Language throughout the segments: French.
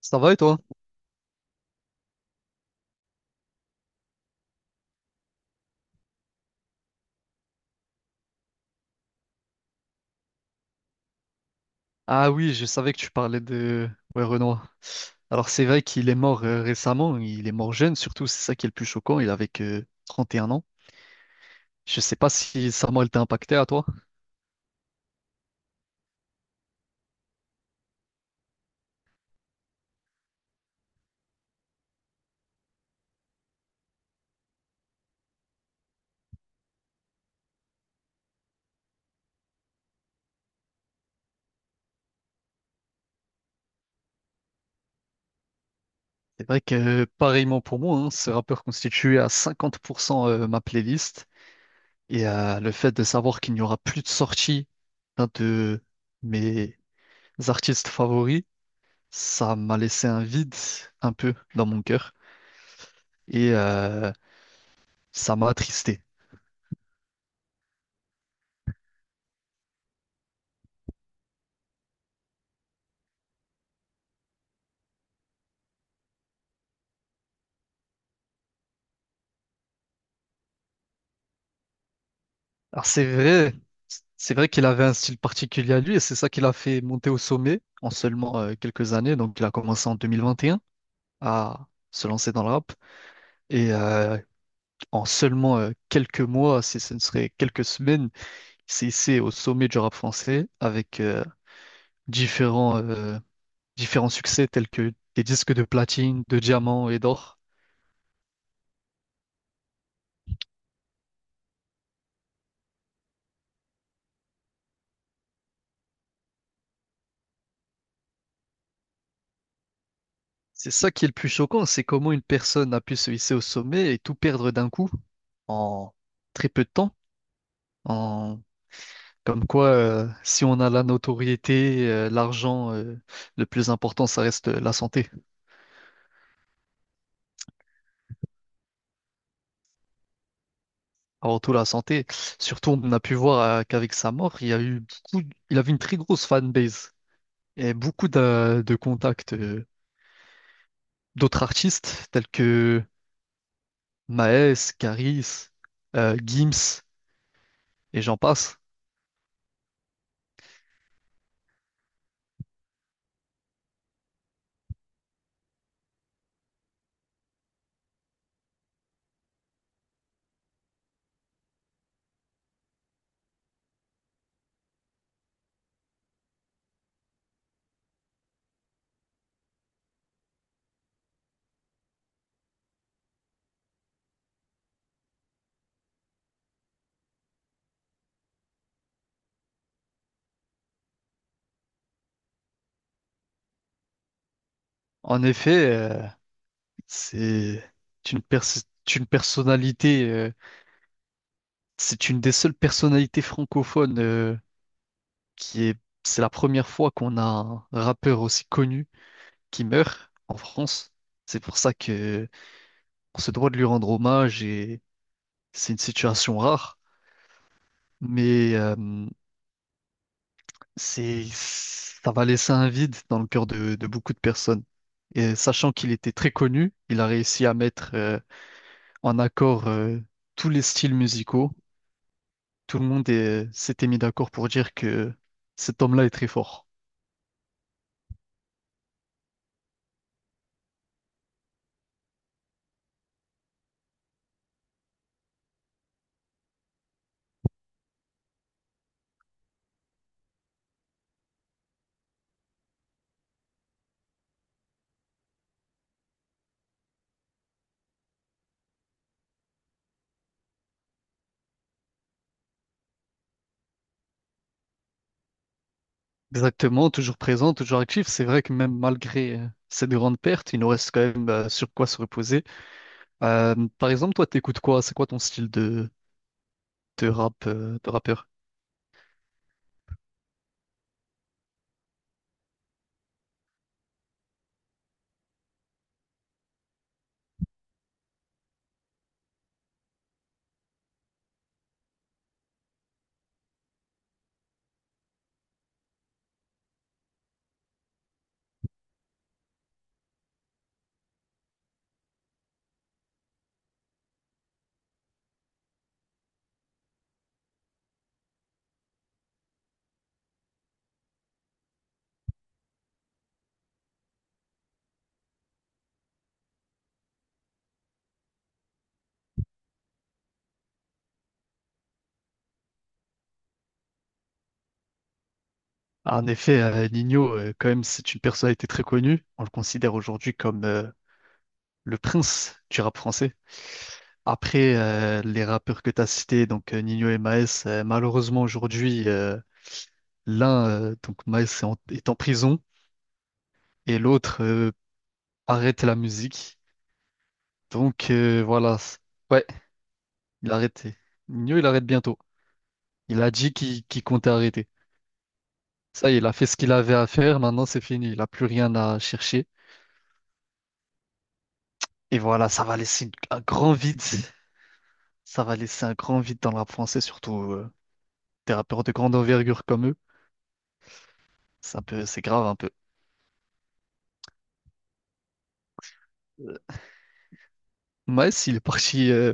Ça va et toi? Ah oui, je savais que tu parlais de ouais, Renoir. Alors c'est vrai qu'il est mort récemment, il est mort jeune surtout, c'est ça qui est le plus choquant, il avait que 31 ans. Je sais pas si sa mort elle t'a impacté à toi. C'est vrai que pareillement pour moi, hein, ce rappeur constituait à 50% ma playlist et le fait de savoir qu'il n'y aura plus de sortie d'un de mes artistes favoris, ça m'a laissé un vide un peu dans mon cœur et ça m'a attristé. Alors c'est vrai qu'il avait un style particulier à lui et c'est ça qui l'a fait monter au sommet en seulement quelques années. Donc il a commencé en 2021 à se lancer dans le rap et en seulement quelques mois, si ce ne serait quelques semaines, c'est ici au sommet du rap français avec différents, euh, différents succès tels que des disques de platine, de diamant et d'or. C'est ça qui est le plus choquant, c'est comment une personne a pu se hisser au sommet et tout perdre d'un coup en très peu de temps. En... Comme quoi, si on a la notoriété, l'argent, le plus important, ça reste la santé. Avant tout, la santé. Surtout, on a pu voir qu'avec sa mort, il y a eu il avait une très grosse fanbase et beaucoup de contacts, d'autres artistes tels que Maes, Caris, Gims et j'en passe. En effet, c'est c'est une personnalité, c'est une des seules personnalités francophones qui est, c'est la première fois qu'on a un rappeur aussi connu qui meurt en France. C'est pour ça que on se doit de lui rendre hommage et c'est une situation rare. Mais ça va laisser un vide dans le cœur de beaucoup de personnes. Et sachant qu'il était très connu, il a réussi à mettre en accord tous les styles musicaux. Tout le monde s'était mis d'accord pour dire que cet homme-là est très fort. Exactement, toujours présent, toujours actif. C'est vrai que même malgré cette grande perte, il nous reste quand même sur quoi se reposer. Par exemple, toi, t'écoutes quoi? C'est quoi ton style de rap, de rappeur? Ah, en effet, Nino, quand même, c'est une personnalité très connue. On le considère aujourd'hui comme le prince du rap français. Après, les rappeurs que tu as cités, donc Nino et Maes, malheureusement aujourd'hui, l'un, donc Maes, est en prison et l'autre arrête la musique. Donc voilà, ouais, il a arrêté. Nino, il arrête bientôt. Il a dit qu'il comptait arrêter. Ça y est, il a fait ce qu'il avait à faire, maintenant c'est fini, il n'a plus rien à chercher. Et voilà, ça va laisser un grand vide. Ça va laisser un grand vide dans le rap français, surtout des rappeurs de grande envergure comme eux. C'est un peu, c'est grave un peu. Euh, Maes, il est parti,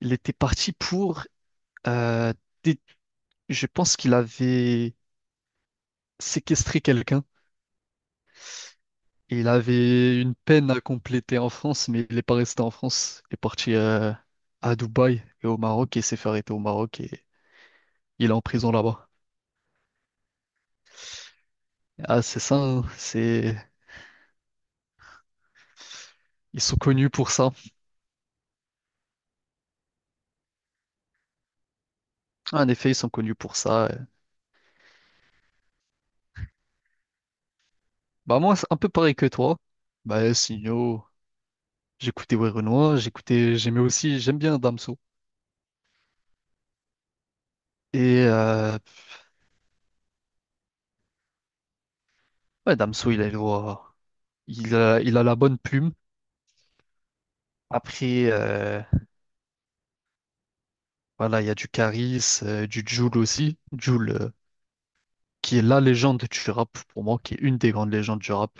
il était parti pour, euh, dé- je pense qu'il avait séquestré quelqu'un. Il avait une peine à compléter en France, mais il n'est pas resté en France. Il est parti à Dubaï et au Maroc et s'est fait arrêter au Maroc et il est en prison là-bas. Ah, c'est ça, hein, ils sont connus pour ça. En effet, ils sont connus pour ça. Bah moi, c'est un peu pareil que toi. Bah sinon, j'écoutais Ouais Renoir, j'écoutais, j'aimais aussi, j'aime bien Damso. Et ouais, Damso, il a la bonne plume. Après, voilà, il y a du Caris, du Jul aussi. Jul, qui est la légende du rap pour moi, qui est une des grandes légendes du rap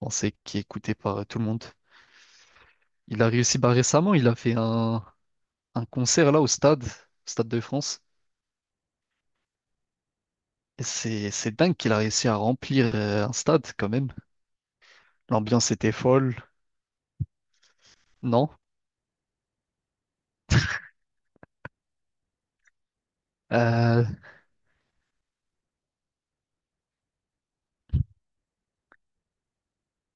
français, qui est écoutée par tout le monde. Il a réussi, bah récemment, il a fait un concert là au stade, Stade de France. Et c'est dingue qu'il a réussi à remplir un stade quand même. L'ambiance était folle, non? Euh,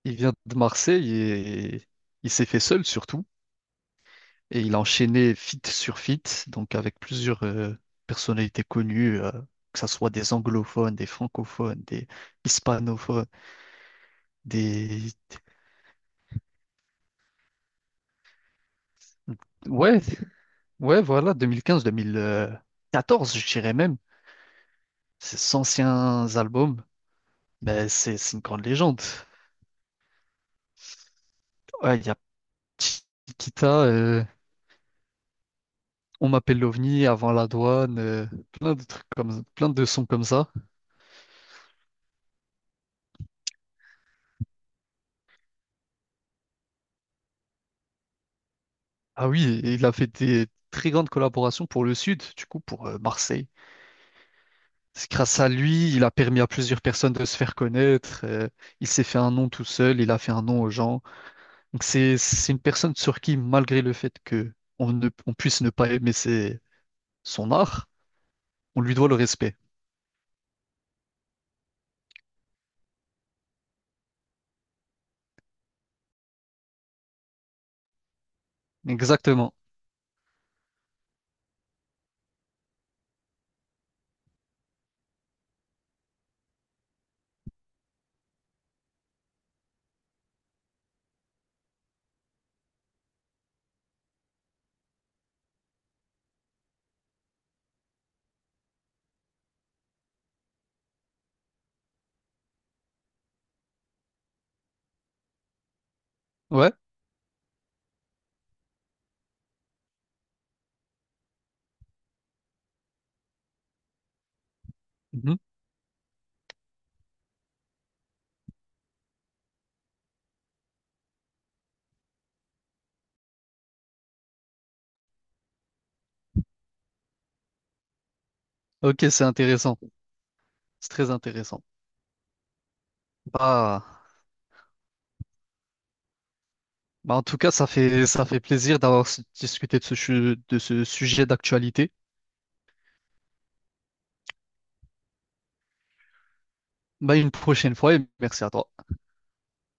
il vient de Marseille et il s'est fait seul surtout. Et il a enchaîné feat sur feat, donc avec plusieurs personnalités connues, que ce soit des anglophones, des francophones, des hispanophones, des... ouais, ouais, voilà, 2015-2014, je dirais même. Ces anciens albums, ben, c'est une grande légende. Ouais, il y a Chiquita, on m'appelle l'OVNI avant la douane, plein de trucs comme plein de sons comme ça. Ah oui, et il a fait des très grandes collaborations pour le Sud, du coup pour Marseille. C'est grâce à lui, il a permis à plusieurs personnes de se faire connaître, il s'est fait un nom tout seul, il a fait un nom aux gens. Donc c'est une personne sur qui, malgré le fait que on puisse ne pas aimer son art, on lui doit le respect. Exactement. Ouais. Mhm. Ok, c'est intéressant. C'est très intéressant. Bah. Bah, en tout cas, ça fait plaisir d'avoir discuté de de ce sujet d'actualité. Bah, une prochaine fois et merci à toi.